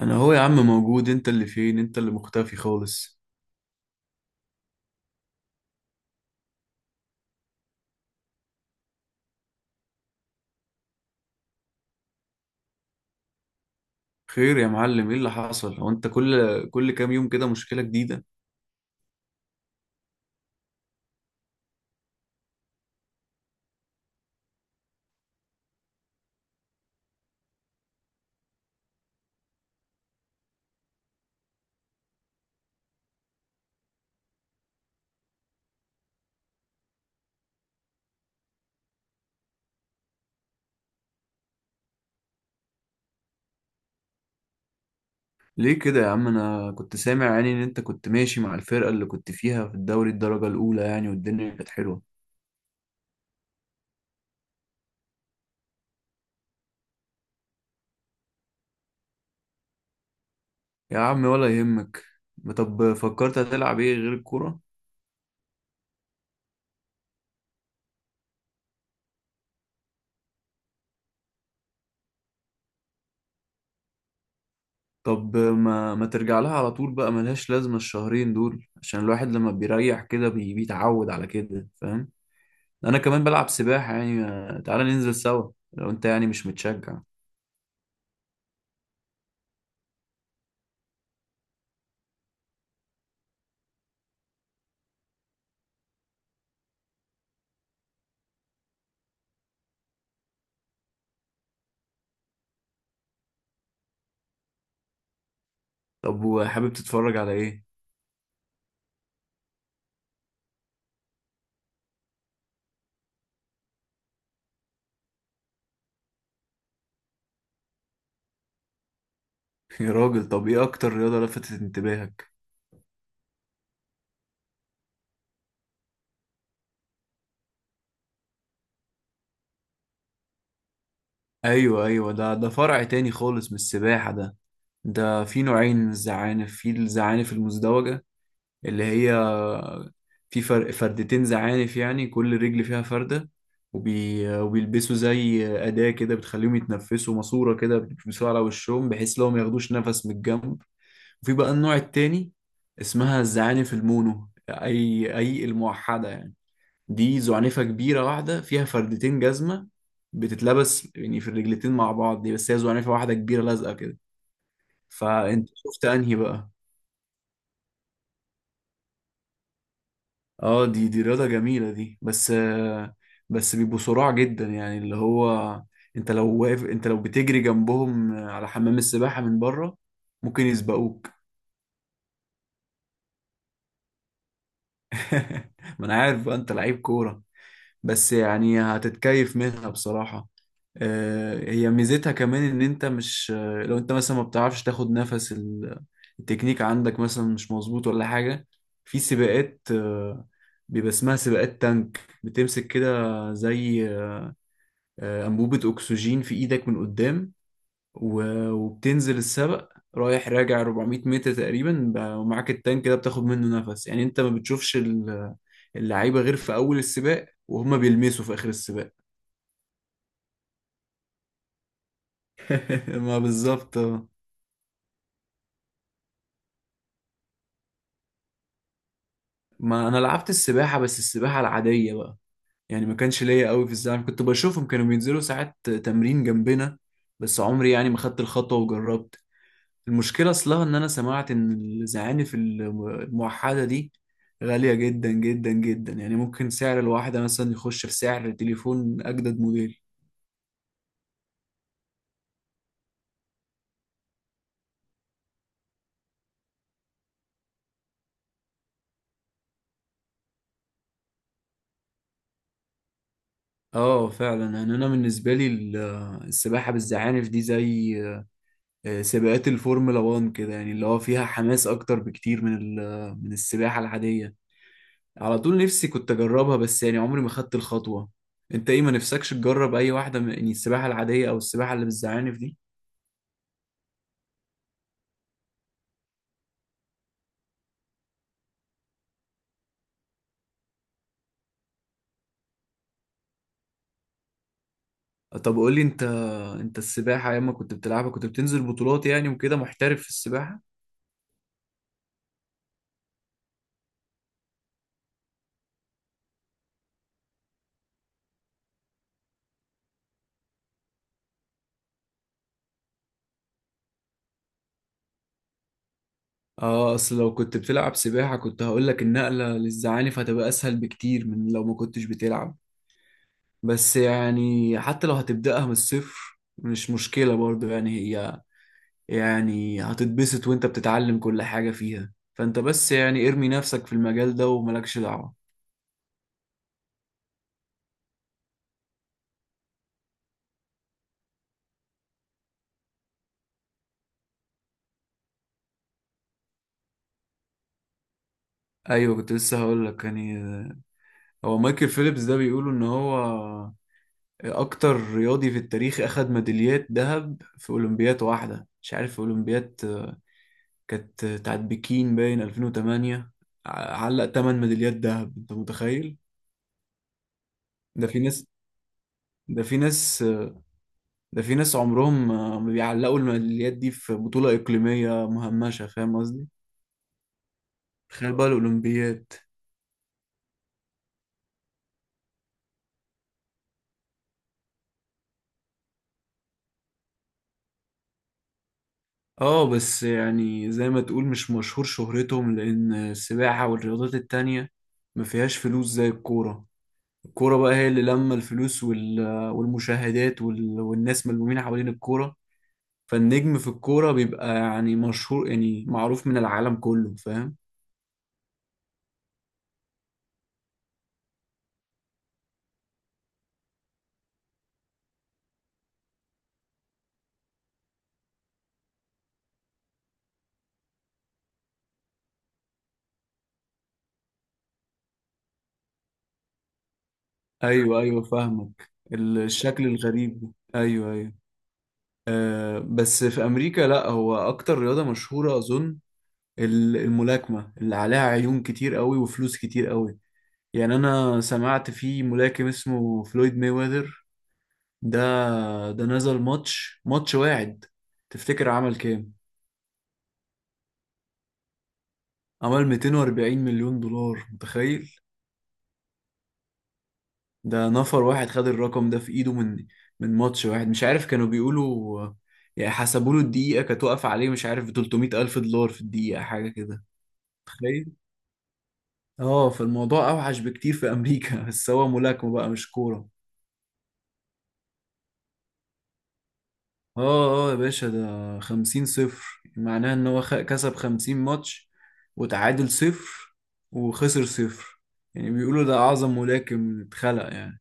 انا هو يا عم موجود، انت اللي فين، انت اللي مختفي خالص. خير يا معلم، ايه اللي حصل؟ هو انت كل كام يوم كده مشكلة جديدة؟ ليه كده يا عم؟ انا كنت سامع يعني ان انت كنت ماشي مع الفرقة اللي كنت فيها في الدوري الدرجة الاولى، يعني والدنيا كانت حلوة. يا عم ولا يهمك. طب فكرت هتلعب ايه غير الكورة؟ طب ما ترجع لها على طول بقى، ملهاش لازمة الشهرين دول، عشان الواحد لما بيريح كده بيتعود على كده، فاهم؟ انا كمان بلعب سباحة يعني. تعالى ننزل سوا لو انت يعني مش متشجع. طب وحابب تتفرج على ايه؟ يا راجل، طب ايه اكتر رياضة لفتت انتباهك؟ ايوه، ايوه، ده فرع تاني خالص من السباحة ده. ده في نوعين من الزعانف، في الزعانف المزدوجة، اللي هي في فرق فردتين زعانف، يعني كل رجل فيها فردة. وبيلبسوا زي أداة كده بتخليهم يتنفسوا، ماسورة كده بيلبسوها على وشهم بحيث لو ما ياخدوش نفس من الجنب. وفي بقى النوع التاني، اسمها الزعانف المونو، أي الموحدة يعني. دي زعنفة كبيرة واحدة فيها فردتين جزمة، بتتلبس يعني في الرجلتين مع بعض، دي بس هي زعنفة واحدة كبيرة لازقة كده. فأنت شفت أنهي بقى؟ اه، دي رياضة جميلة دي، بس بس بيبقوا صراع جدا يعني، اللي هو انت لو بتجري جنبهم على حمام السباحة من بره، ممكن يسبقوك. ما انا عارف بقى، انت لعيب كورة، بس يعني هتتكيف منها بصراحة. هي ميزتها كمان ان انت مش آه، لو انت مثلا ما بتعرفش تاخد نفس، التكنيك عندك مثلا مش مظبوط ولا حاجة، في سباقات بيبقى اسمها سباقات تانك، بتمسك كده زي أنبوبة أكسجين في إيدك من قدام، وبتنزل السبق رايح راجع 400 متر تقريبا، ومعاك التانك ده بتاخد منه نفس يعني، انت ما بتشوفش اللعيبة غير في أول السباق، وهما بيلمسوا في آخر السباق. ما بالظبط، آه. ما انا لعبت السباحه، بس السباحه العاديه بقى، يعني ما كانش ليا قوي في الزعم، كنت بشوفهم كانوا بينزلوا ساعات تمرين جنبنا، بس عمري يعني ما خدت الخطوه وجربت. المشكله اصلها ان انا سمعت ان الزعانف الموحده دي غاليه جدا جدا جدا، يعني ممكن سعر الواحده مثلا يخش في سعر تليفون اجدد موديل. اه، فعلا يعني، انا بالنسبه لي السباحه بالزعانف دي زي سباقات الفورمولا 1 كده، يعني اللي هو فيها حماس اكتر بكتير من السباحة العادية. على طول نفسي كنت اجربها، بس يعني عمري ما خدت الخطوة. انت ايه، ما نفسكش تجرب اي واحدة من يعني السباحة العادية او السباحة اللي بالزعانف دي؟ طب قول لي انت، انت السباحة ايام ما كنت بتلعبها كنت بتنزل بطولات يعني وكده، محترف في السباحة؟ اه، اصل لو كنت بتلعب سباحة كنت هقول لك النقلة للزعانف هتبقى اسهل بكتير من لو ما كنتش بتلعب، بس يعني حتى لو هتبدأها من الصفر مش مشكلة برضو، يعني هي يعني هتتبسط وانت بتتعلم كل حاجة فيها، فانت بس يعني ارمي نفسك في المجال ده وملكش دعوة. ايوه، كنت لسه هقول لك يعني، هو مايكل فيليبس ده بيقولوا ان هو اكتر رياضي في التاريخ اخد ميداليات ذهب في اولمبياد واحدة، مش عارف في اولمبياد كانت بتاعت بكين باين 2008، علق 8 ميداليات ذهب، انت متخيل؟ ده في ناس ده في ناس ده في ناس عمرهم ما بيعلقوا الميداليات دي في بطولة إقليمية مهمشة، فاهم؟ تخيل بقى الأولمبياد. اه، بس يعني زي ما تقول مش مشهور شهرتهم، لأن السباحة والرياضات التانية ما فيهاش فلوس زي الكورة. الكورة بقى هي اللي لما الفلوس والمشاهدات والناس ملمومين حوالين الكورة، فالنجم في الكورة بيبقى يعني مشهور يعني، معروف من العالم كله، فاهم؟ أيوه، أيوه، فاهمك الشكل الغريب ده. أيوه، أيوه. بس في أمريكا لأ، هو أكتر رياضة مشهورة أظن الملاكمة، اللي عليها عيون كتير قوي وفلوس كتير قوي. يعني أنا سمعت في ملاكم اسمه فلويد مايويذر ده، ده نزل ماتش واحد، تفتكر عمل كام؟ عمل 240 مليون دولار، متخيل؟ ده نفر واحد خد الرقم ده في إيده من ماتش واحد، مش عارف كانوا بيقولوا، يعني حسبوا له الدقيقة كانت واقفة عليه، مش عارف ب 300 ألف دولار في الدقيقة، حاجة كده. تخيل؟ اه، فالموضوع أوحش بكتير في أمريكا. بس هو ملاكمة بقى مش كورة. اه، اه، يا باشا، ده 50-0 معناه ان هو كسب 50 ماتش، وتعادل 0، وخسر 0. يعني بيقولوا ده اعظم ملاكم اتخلق يعني.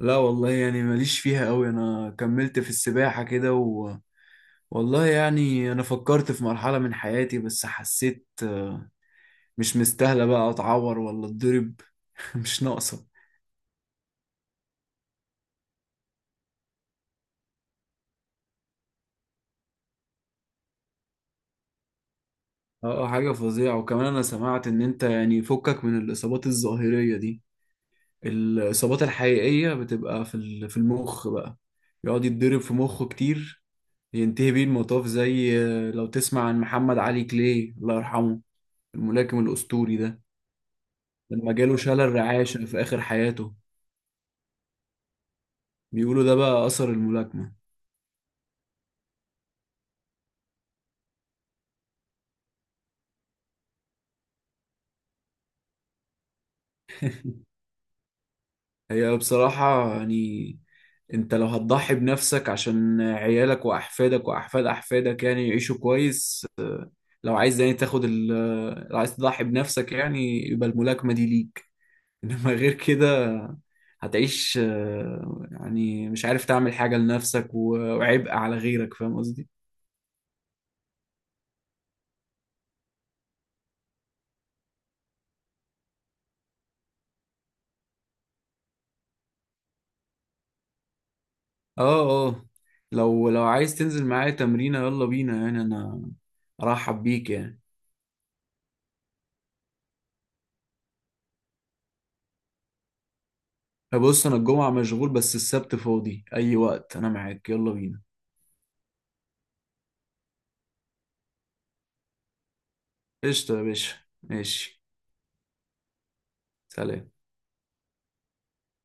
لا والله يعني ماليش فيها قوي، انا كملت في السباحة كده والله يعني انا فكرت في مرحلة من حياتي، بس حسيت مش مستاهلة بقى اتعور ولا اتضرب. مش ناقصة. اه، حاجة فظيعة. وكمان انا سمعت ان انت يعني، فكك من الاصابات الظاهرية دي، الإصابات الحقيقية بتبقى في المخ بقى، يقعد يتضرب في مخه كتير، ينتهي بيه المطاف زي، لو تسمع عن محمد علي كلاي الله يرحمه، الملاكم الأسطوري ده، لما جاله شلل رعاشة في آخر حياته، بيقولوا ده بقى أثر الملاكمة. هي بصراحة يعني، انت لو هتضحي بنفسك عشان عيالك وأحفادك وأحفاد أحفادك يعني يعيشوا كويس، لو عايز يعني تاخد ال لو عايز تضحي بنفسك يعني، يبقى الملاكمة دي ليك. انما غير كده هتعيش يعني مش عارف تعمل حاجة لنفسك، وعبء على غيرك، فاهم قصدي؟ اه، اه. لو عايز تنزل معايا تمرينة يلا بينا يعني، انا ارحب بيك يعني. بص انا الجمعة مشغول، بس السبت فاضي اي وقت، انا معاك يلا بينا. قشطة يا باشا. ماشي. سلام.